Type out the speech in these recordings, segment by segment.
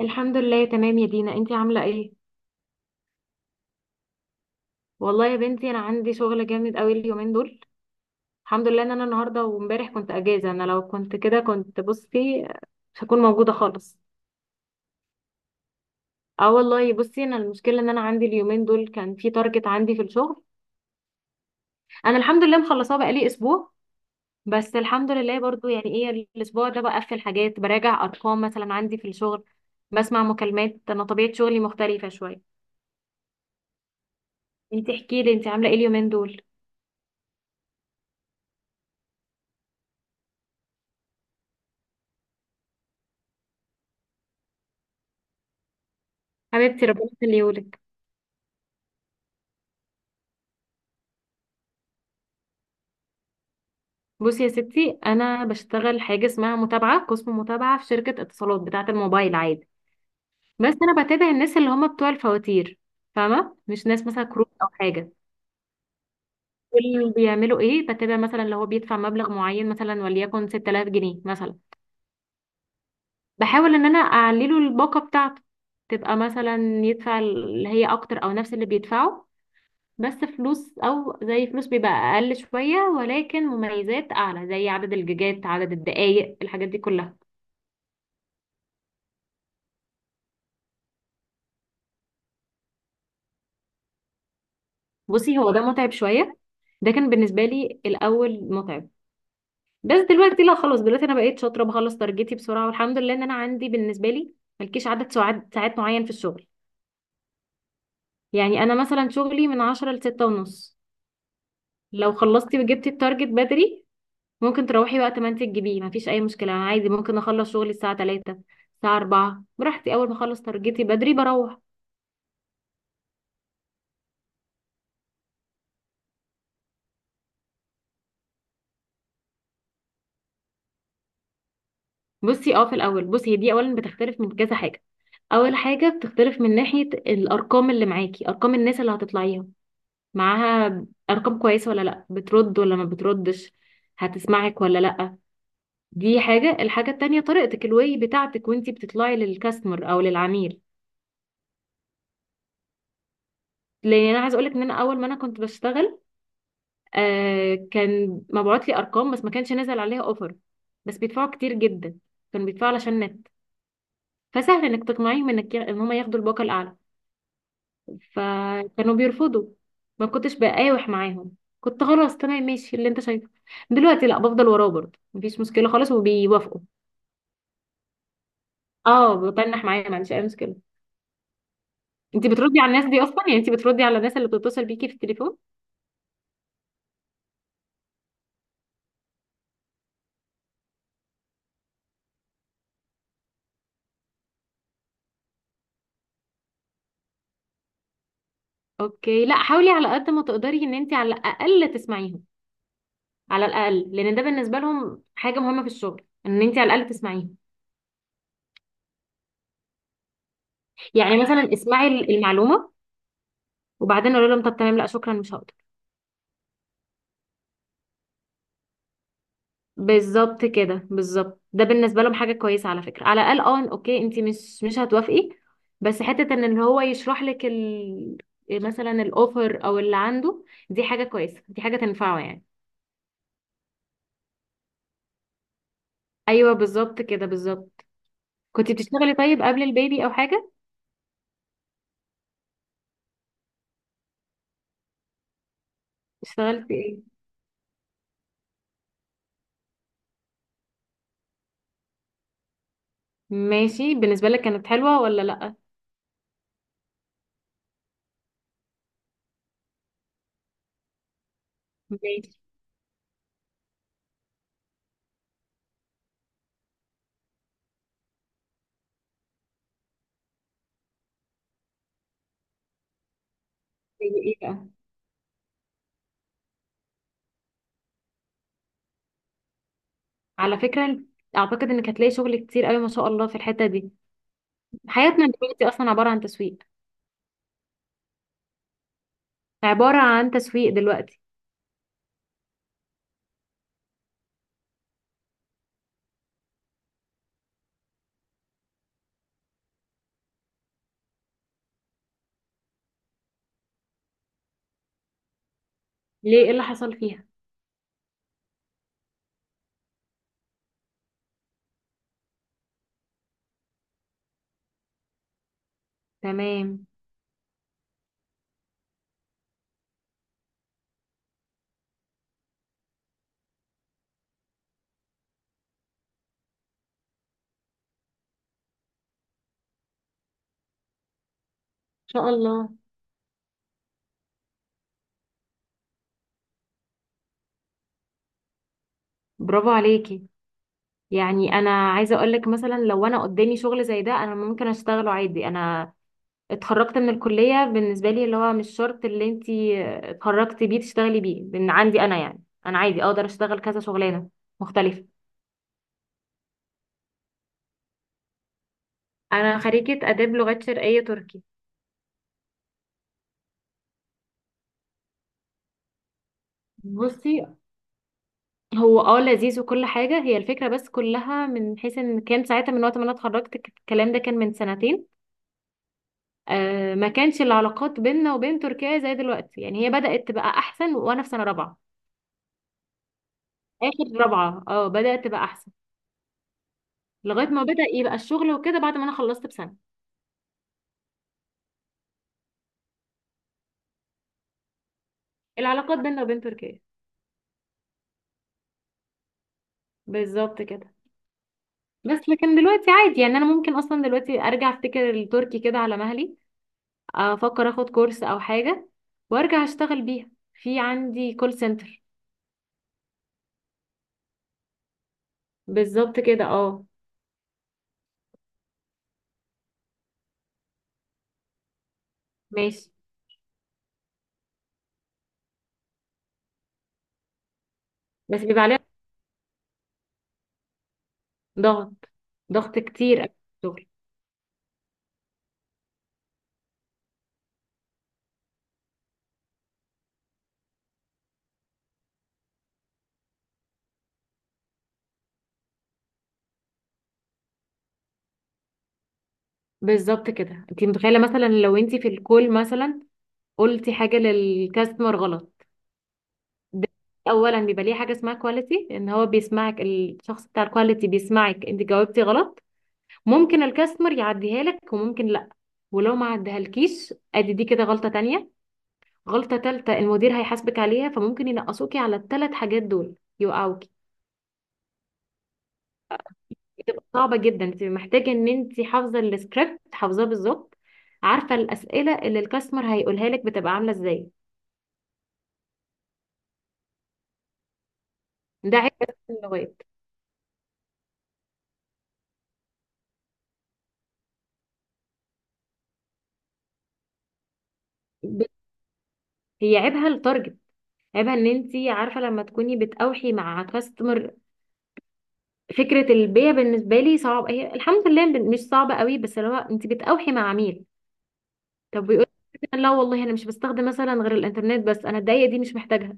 الحمد لله تمام يا دينا، انتي عامله ايه؟ والله يا بنتي انا عندي شغل جامد قوي اليومين دول. الحمد لله ان انا النهارده وامبارح كنت اجازه، انا لو كنت كده كنت بصي مش هكون موجوده خالص. اه والله بصي، انا المشكله ان انا عندي اليومين دول كان في تارجت عندي في الشغل. انا الحمد لله مخلصاه بقالي اسبوع، بس الحمد لله برضو يعني ايه، الاسبوع ده بقفل حاجات، براجع ارقام مثلا عندي في الشغل، بسمع مكالمات. انا طبيعه شغلي مختلفه شويه. انتي احكي لي، انتي عامله ايه اليومين دول؟ حبيبتي ربنا يخليهولك. بصي يا ستي، انا بشتغل حاجه اسمها متابعه، قسم متابعه في شركه اتصالات بتاعه الموبايل عادي. بس انا بتابع الناس اللي هم بتوع الفواتير، فاهمه؟ مش ناس مثلا كروت او حاجه. دول بيعملوا ايه؟ بتابع مثلا لو هو بيدفع مبلغ معين مثلا، وليكن 6000 جنيه مثلا، بحاول ان انا اعلي له الباقه بتاعته، تبقى مثلا يدفع اللي هي اكتر او نفس اللي بيدفعه. بس فلوس او زي فلوس بيبقى اقل شويه، ولكن مميزات اعلى زي عدد الجيجات، عدد الدقائق، الحاجات دي كلها. بصي هو ده متعب شوية. ده كان بالنسبة لي الأول متعب، بس دلوقتي لا، خلاص دلوقتي أنا بقيت شاطرة، بخلص تارجتي بسرعة، والحمد لله إن أنا عندي بالنسبة لي ملكيش عدد ساعات معين في الشغل. يعني أنا مثلا شغلي من عشرة لستة ونص، لو خلصتي وجبتي التارجت بدري ممكن تروحي وقت ما أنت تجيبيه، مفيش أي مشكلة. أنا عادي ممكن أخلص شغلي الساعة تلاتة، الساعة أربعة براحتي، أول ما أخلص تارجتي بدري بروح. بصي اه، في الأول بصي، هي دي أولا بتختلف من كذا حاجة. اول حاجه بتختلف من ناحيه الارقام اللي معاكي، ارقام الناس اللي هتطلعيها معاها ارقام كويسه ولا لا، بترد ولا ما بتردش، هتسمعك ولا لا. دي حاجه. الحاجه التانية طريقتك، الواي بتاعتك وانتي بتطلعي للكاستمر او للعميل. لان انا عايز اقولك ان انا اول ما انا كنت بشتغل كان مبعوت لي ارقام بس ما كانش نازل عليها اوفر، بس بيدفعوا كتير جدا، كانوا بيدفعوا علشان نت. فسهل انك تقنعيهم انك ان هم ياخدوا الباقه الاعلى، فكانوا بيرفضوا. ما كنتش بقاوح معاهم، كنت خلاص تمام ماشي اللي انت شايفه. دلوقتي لا، بفضل وراه برضه مفيش مشكله خالص وبيوافقوا. اه بتنح معايا، ما عنديش اي مشكله. انت بتردي على الناس دي اصلا؟ يعني انت بتردي على الناس اللي بتتصل بيكي في التليفون؟ اوكي لا، حاولي على قد ما تقدري ان انت على الاقل تسمعيهم. على الاقل، لان ده بالنسبه لهم حاجه مهمه في الشغل، ان انت على الاقل تسمعيهم. يعني مثلا اسمعي المعلومه، وبعدين قولي لهم طب تمام لا شكرا، مش هقدر. بالظبط كده، بالظبط. ده بالنسبه لهم حاجه كويسه على فكره، على الاقل اه اوكي انت مش هتوافقي، بس حته ان اللي هو يشرح لك ال... مثلا الاوفر او اللي عنده، دي حاجه كويسه، دي حاجه تنفعه يعني. ايوه بالظبط كده، بالظبط. كنت بتشتغلي طيب قبل البيبي او حاجه؟ اشتغلتي ايه؟ ماشي، بالنسبه لك كانت حلوه ولا لا؟ ماشي. زي ايه بقى؟ على فكره اعتقد انك هتلاقي شغل كتير قوي ما شاء الله في الحته دي. حياتنا دلوقتي اصلا عباره عن تسويق. عباره عن تسويق دلوقتي. ليه؟ ايه اللي حصل فيها؟ تمام ان شاء الله. برافو عليكي. يعني انا عايزه اقول لك، مثلا لو انا قدامي شغل زي ده انا ممكن اشتغله عادي. انا اتخرجت من الكليه، بالنسبه لي اللي هو مش شرط اللي انتي اتخرجتي بيه تشتغلي بيه، لان عندي انا يعني انا عادي اقدر اشتغل كذا شغلانه مختلفه. انا خريجه اداب لغات شرقيه تركي. بصي هو اه لذيذ وكل حاجه، هي الفكره بس كلها من حيث ان كان ساعتها، من وقت ما انا اتخرجت الكلام ده كان من سنتين. ما كانش العلاقات بيننا وبين تركيا زي دلوقتي. يعني هي بدأت تبقى احسن وانا في سنة رابعة. اخر رابعة اه بدأت تبقى احسن، لغاية ما بدأ يبقى الشغل وكده بعد ما انا خلصت بسنة. العلاقات بيننا وبين تركيا، بالظبط كده. بس لكن دلوقتي عادي، يعني انا ممكن اصلا دلوقتي ارجع افتكر التركي كده على مهلي، افكر اخد كورس او حاجة وارجع اشتغل بيها في عندي كول سنتر. بالظبط كده اه. ماشي. بس بيبقى عليها ضغط، ضغط كتير أوي في الشغل. بالظبط كده. انت متخيله مثلا لو انت في الكول مثلا قلتي حاجه للكاستمر غلط؟ ده اولا بيبقى ليه حاجه اسمها كواليتي، ان هو بيسمعك، الشخص بتاع الكواليتي بيسمعك انت جاوبتي غلط. ممكن الكاستمر يعديها لك وممكن لا. ولو ما عدهالكيش ادي دي كده غلطه تانية. غلطه تالتة المدير هيحاسبك عليها، فممكن ينقصوكي على الثلاث حاجات دول، يوقعوكي. بتبقى صعبه جدا، انت محتاجه ان انت حافظه السكريبت حافظاه بالظبط، عارفه الاسئله اللي الكاستمر هيقولها لك بتبقى عامله ازاي. ده عيب بس اللغات. ب- هي عيبها التارجت، عيبها ان انت عارفه لما تكوني بتأوحي مع كاستمر. فكره البيع بالنسبه لي صعب، هي الحمد لله مش صعبه قوي، بس اللي هو انت بتأوحي مع عميل. طب بيقول لك لا والله انا مش بستخدم مثلا غير الانترنت، بس انا الدقيقه دي مش محتاجها،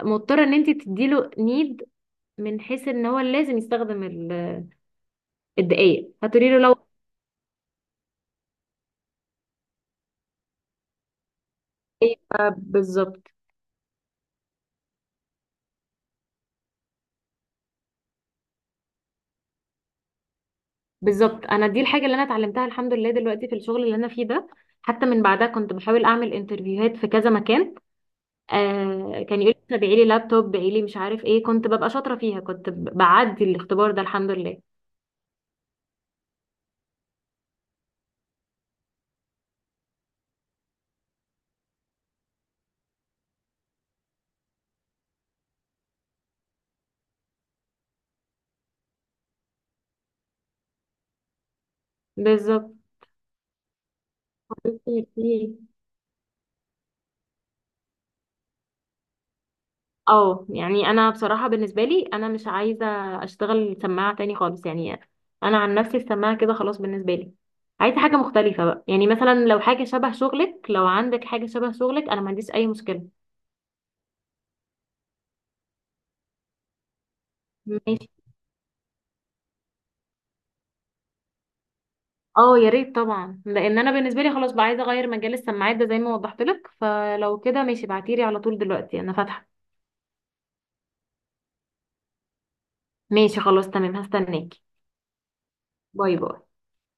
مضطره ان انت تديله نيد من حيث ان هو لازم يستخدم الدقيقه. هتقولي له لو أيوة بالظبط انا دي الحاجه اللي انا اتعلمتها الحمد لله دلوقتي في الشغل اللي انا فيه ده. حتى من بعدها كنت بحاول اعمل انترفيوهات في كذا مكان. كان يقول لي بيعي لي لابتوب، بيعي لي مش عارف ايه، كنت ببقى شاطره فيها، كنت بعدي الاختبار ده الحمد لله. بالظبط كتير فيه. اه يعني انا بصراحه بالنسبه لي انا مش عايزه اشتغل سماعه تاني خالص يعني. انا عن نفسي السماعه كده خلاص بالنسبه لي، عايزه حاجه مختلفه بقى. يعني مثلا لو حاجه شبه شغلك، لو عندك حاجه شبه شغلك انا ما عنديش اي مشكله. ماشي. اه يا ريت طبعا، لان انا بالنسبه لي خلاص بقى عايزه اغير مجال السماعات ده زي ما وضحت لك. فلو كده ماشي، ابعتيلي على طول دلوقتي انا فاتحه. ماشي خلاص تمام، هستناكي. باي باي.